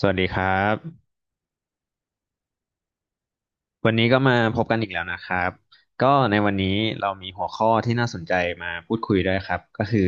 สวัสดีครับวันนี้ก็มาพบกันอีกแล้วนะครับก็ในวันนี้เรามีหัวข้อที่น่าสนใจมาพูดคุยด้วยครับก็คือ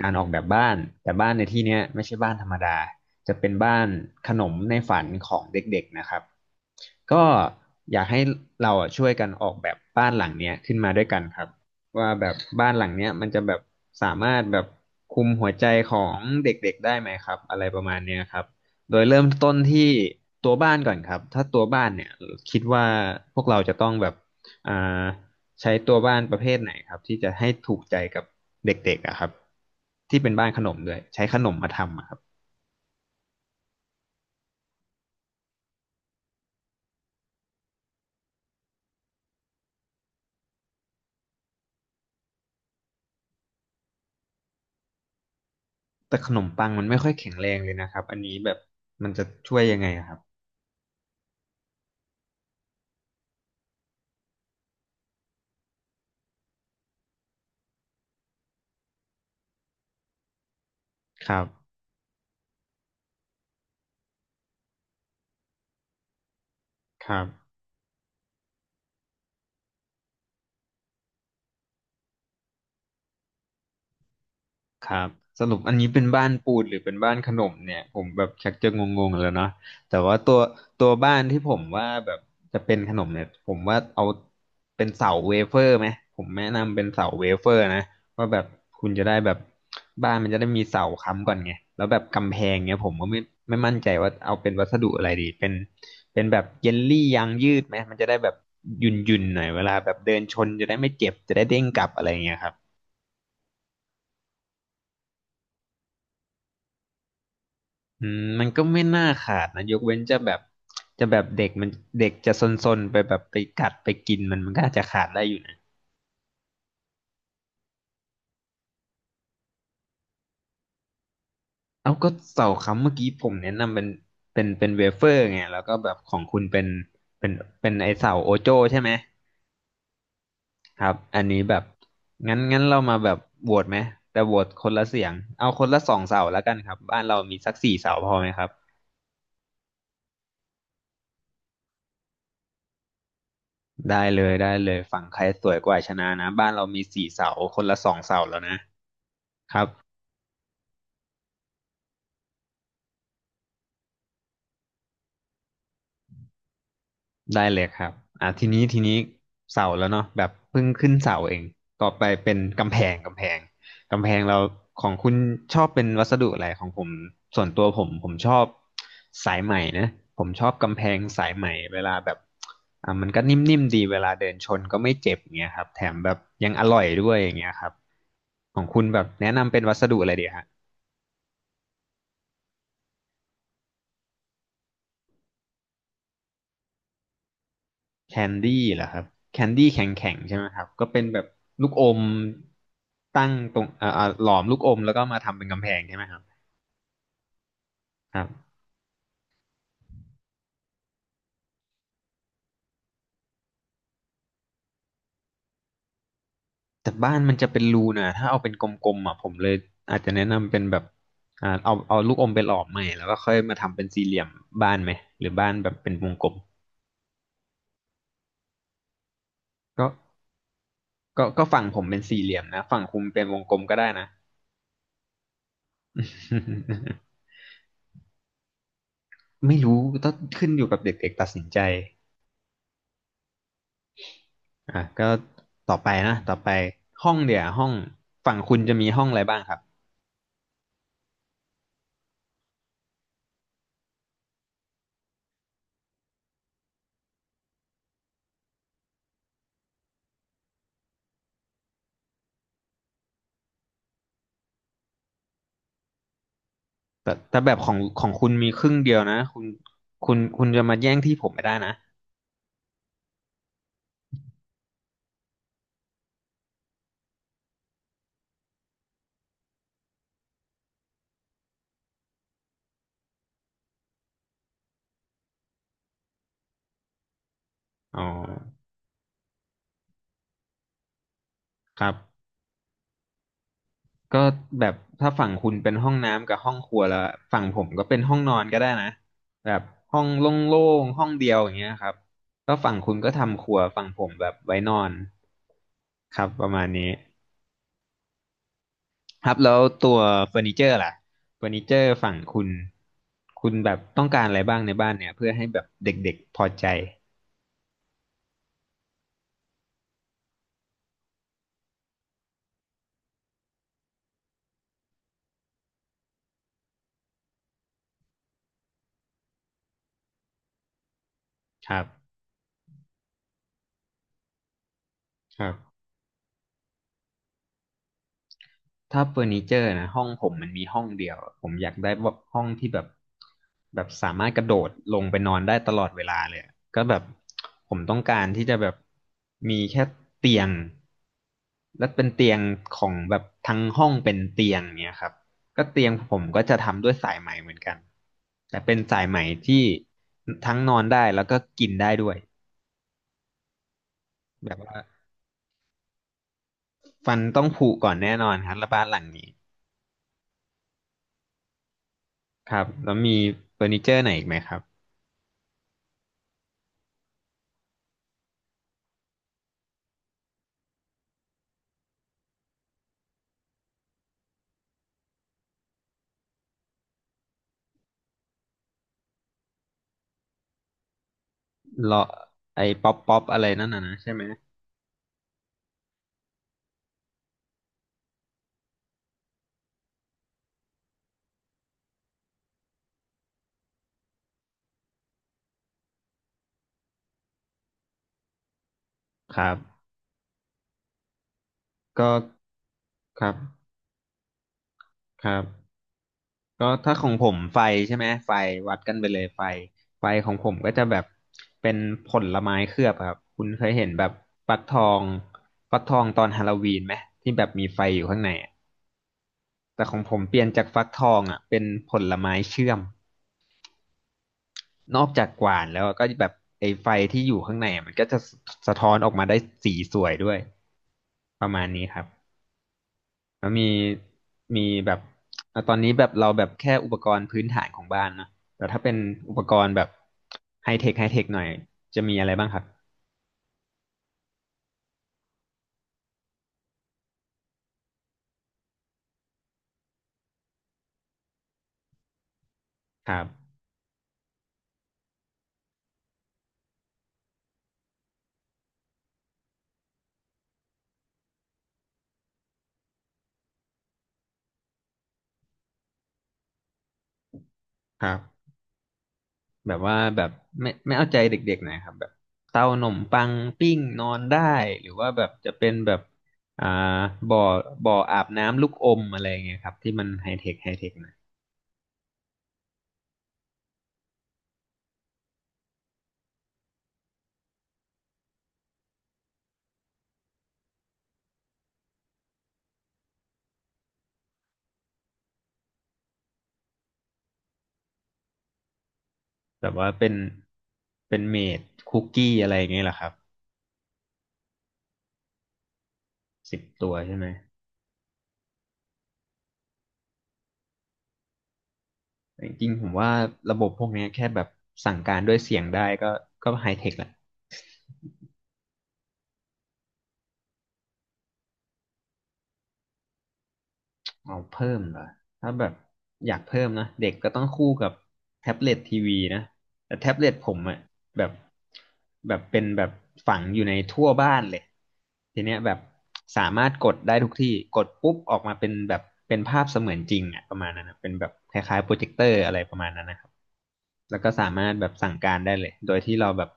การออกแบบบ้านแต่บ้านในที่เนี้ยไม่ใช่บ้านธรรมดาจะเป็นบ้านขนมในฝันของเด็กๆนะครับก็อยากให้เราอะช่วยกันออกแบบบ้านหลังเนี้ยขึ้นมาด้วยกันครับว่าแบบบ้านหลังเนี้ยมันจะแบบสามารถแบบคุมหัวใจของเด็กๆได้ไหมครับอะไรประมาณเนี้ยครับ โดยเริ่มต้นที่ตัวบ้านก่อนครับถ้าตัวบ้านเนี่ยคิดว่าพวกเราจะต้องแบบอ่าใช้ตัวบ้านประเภทไหนครับที่จะให้ถูกใจกับเด็กๆอะครับที่เป็นบ้านขนมด้วยใช้ขนมมาทำอะครับแต่ขนมปังมันไม่ค่อยแข็งแรงเลยนะครับอันนี้แบบมันจะช่วยยังไงอะครับครับครับ ครับสรุปอันนี้เป็นบ้านปูนหรือเป็นบ้านขนมเนี่ยผมแบบชักจะงงๆแล้วเนาะแต่ว่าตัวบ้านที่ผมว่าแบบจะเป็นขนมเนี่ยผมว่าเอาเป็นเสาเวเฟอร์ไหมผมแนะนำเป็นเสาเวเฟอร์นะว่าแบบคุณจะได้แบบบ้านมันจะได้มีเสาค้ำก่อนไงแล้วแบบกำแพงเนี่ยผมก็ไม่มั่นใจว่าเอาเป็นวัสดุอะไรดีเป็นแบบเยลลี่ยางยืดไหมมันจะได้แบบยุ่นๆหน่อยเวลาแบบเดินชนจะได้ไม่เจ็บจะได้เด้งกลับอะไรอย่างเงี้ยครับ อืมมันก็ไม่น่าขาดนะยกเว้นจะแบบเด็กมันเด็กจะซนๆไปแบบไปกัดไปกินมันมันก็อาจจะขาดได้อยู่นะเอาก็เสาค้ำเมื่อกี้ผมแนะนำเป็นเวเฟอร์ไงแล้วก็แบบของคุณเป็นเป็นไอเสาโอโจ้ใช่ไหมครับอันนี้แบบงั้นเรามาแบบโหวตไหมแต่โหวตคนละเสียงเอาคนละสองเสาแล้วกันครับบ้านเรามีสักสี่เสาพอไหมครับได้เลยได้เลยฝั่งใครสวยกว่าชนะนะบ้านเรามีสี่เสาคนละสองเสาแล้วนะครับ ได้เลยครับอ่ะทีนี้เสาแล้วเนาะแบบเพิ่งขึ้นเสาเองต่อไปเป็นกำแพงกำแพงกำแพงเราของคุณชอบเป็นวัสดุอะไรของผมส่วนตัวผมชอบสายไหมนะผมชอบกำแพงสายไหมเวลาแบบอ่ะมันก็นิ่มๆดีเวลาเดินชนก็ไม่เจ็บอย่างเงี้ยครับแถมแบบยังอร่อยด้วยอย่างเงี้ยครับของคุณแบบแนะนำเป็นวัสดุอะไรดีฮะ แคนดี้เหรอครับแคนดี้แข็งแข็งใช่ไหมครับก็เป็นแบบลูกอมตั้งตรงหลอมลูกอมแล้วก็มาทำเป็นกำแพงใช่ไหมครับครับแต่บ้านมันจะเป็นรูนะถ้าเอาเป็นกลมๆอ่ะผมเลยอาจจะแนะนำเป็นแบบเอาลูกอมไปหลอมใหม่แล้วก็ค่อยมาทำเป็นสี่เหลี่ยมบ้านไหมหรือบ้านแบบเป็นวงกลมก็ก็ฝั่งผมเป็นสี่เหลี่ยมนะฝั่งคุณเป็นวงกลมก็ได้นะ ไม่รู้ต้องขึ้นอยู่กับเด็กๆตัดสินใจ อ่ะก็ต่อไปนะต่อไปห้องเดี๋ยวห้องฝั่งคุณจะมีห้องอะไรบ้างครับแต่แบบของคุณมีครึ่งเดียวนะคุณจะมาแย่งที่ผมไม่ได้นะอ๋อครับก็แบบถ้าฝั่งคุณเป็นห้องน้ำกับห้องครัวแล้วฝั่งผมก็เป็นห้องนอนก็ได้นะแบบห้องโล่งๆห้องเดียวอย่างเงี้ยครับแล้วฝั่งคุณก็ทำครัวฝั่งผมแบบไว้นอนครับประมาณนี้ ครับแล้วตัวเฟอร์นิเจอร์ล่ะเฟอร์นิเจอร์ฝั่งคุณคุณแบบต้องการอะไรบ้างในบ้านเนี่ยเพื่อให้แบบเด็กๆพอใจครับครับ ถ้าเฟอร์นิเจอร์นะห้องผมมันมีห้องเดียวผมอยากได้แบบห้องที่แบบแบบสามารถกระโดดลงไปนอนได้ตลอดเวลาเลยอะก็แบบผมต้องการที่จะแบบมีแค่เตียงและเป็นเตียงของแบบทั้งห้องเป็นเตียงเนี่ยครับก็เตียงผมก็จะทำด้วยสายไหมเหมือนกันแต่เป็นสายไหมที่ทั้งนอนได้แล้วก็กินได้ด้วยแบบว่าฟันต้องผุก่อนแน่นอนครับและบ้านหลังนี้ครับแล้วมีเฟอร์นิเจอร์ไหนอีกไหมครับ เลาะไอ้ป๊อปป๊อปอะไรนั่นน่ะนะใช่ไหมครับก็ครับครับก็ถ้าของผมไฟใช่ไหมไฟวัดกันไปเลยไฟไฟของผมก็จะแบบเป็นผลไม้เคลือบครับคุณเคยเห็นแบบฟักทองฟักทองตอนฮาโลวีนไหมที่แบบมีไฟอยู่ข้างในอะแต่ของผมเปลี่ยนจากฟักทองเป็นผลไม้เชื่อมนอกจากหวานแล้วก็แบบไอ้ไฟที่อยู่ข้างในอะมันก็จะสะท้อนออกมาได้สีสวยด้วยประมาณนี้ครับ แล้วมีมีแบบตอนนี้แบบเราแบบแค่อุปกรณ์พื้นฐานของบ้านนะแต่ถ้าเป็นอุปกรณ์แบบไฮเทคไฮเทคหน่อยจะมีอะไรบ้างครับครับครับแบบว่าแบบไม่เอาใจเด็กๆหน่อยครับแบบเตาหนมปังปิ้งนอนได้หรือว่าแบบจะเป็นแบบอ่าบ่อบ่ออาบน้ำลูกอมอะไรอย่างเงี้ยครับที่มันไฮเทคไฮเทคหน่อยแบบว่าเป็นเมดคุกกี้อะไรอย่างเงี้ยเหรอครับ10 ตัวใช่ไหม แต่จริงๆผมว่าระบบพวกเนี้ยแค่แบบสั่งการด้วยเสียงได้ก็ไฮเทคละ เอาเพิ่มเหรอถ้าแบบอยากเพิ่มนะเด็กก็ต้องคู่กับแท็บเล็ตทีวีนะแต่แท็บเล็ตผมอะแบบเป็นแบบฝังอยู่ในทั่วบ้านเลยทีเนี้ยแบบสามารถกดได้ทุกที่กดปุ๊บออกมาเป็นแบบเป็นภาพเสมือนจริงอะประมาณนั้นนะเป็นแบบคล้ายๆโปรเจคเตอร์อะไรประมาณนั้นนะครับแล้วก็สามารถแบบสั่งการได้เลยโดยที่เราแบบ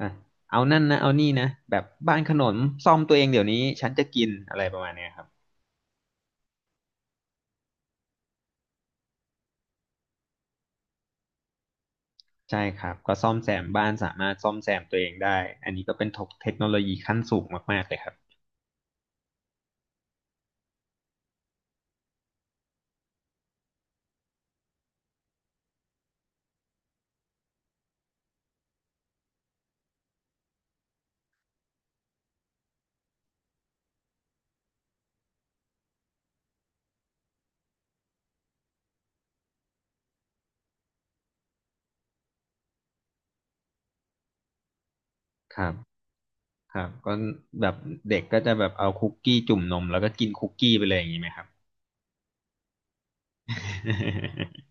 อ่ะเอานั่นนะเอานี่นะแบบบ้านขนมซ่อมตัวเองเดี๋ยวนี้ฉันจะกินอะไรประมาณเนี้ยครับ ใช่ครับก็ซ่อมแซมบ้านสามารถซ่อมแซมตัวเองได้อันนี้ก็เป็นเทคโนโลยีขั้นสูงมากๆเลยครับครับครับก็แบบเด็กก็จะแบบเอาคุกกี้จุ่มนมแล้วก็กินคุกกี้ไปเลยอย่างนี้ไหมครับ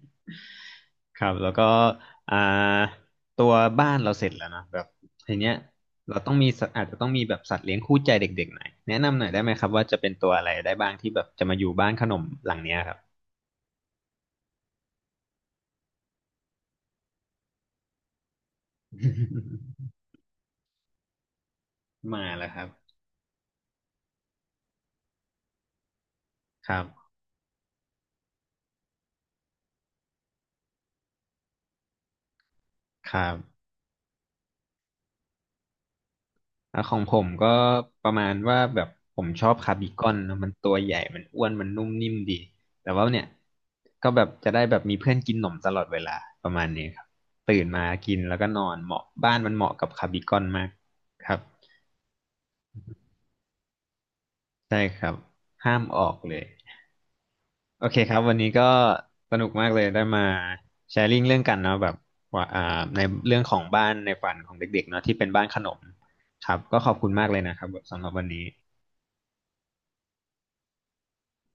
ครับแล้วก็อ่าตัวบ้านเราเสร็จแล้วนอะแบบทีเนี้ยเราต้องมีสัตว์อาจจะต้องมีแบบสัตว์เลี้ยงคู่ใจเด็กๆหน่อยแนะนำหน่อยได้ไหมครับว่าจะเป็นตัวอะไรได้บ้างที่แบบจะมาอยู่บ้านขนมหลังเนี้ยครับ มาแล้วครับครับครับ ของผมก็ประมาณว่าแบบผมชอบคาร์บีคอนนะมันตัวใหญ่มันอ้วนมันนุ่มนิ่มดีแต่ว่าเนี่ยก็แบบจะได้แบบมีเพื่อนกินหนมตลอดเวลาประมาณนี้ครับตื่นมากินแล้วก็นอนเหมาะบ้านมันเหมาะกับคาร์บีคอนมากครับใช่ครับห้ามออกเลยโอเคครับวันนี้ก็สนุกมากเลยได้มาแชร์ลิงเรื่องกันเนาะแบบว่าในเรื่องของบ้านในฝันของเด็กๆเนาะที่เป็นบ้านขนมครับก็ขอบคุณมากเลยนะครับสำหรับวันนี้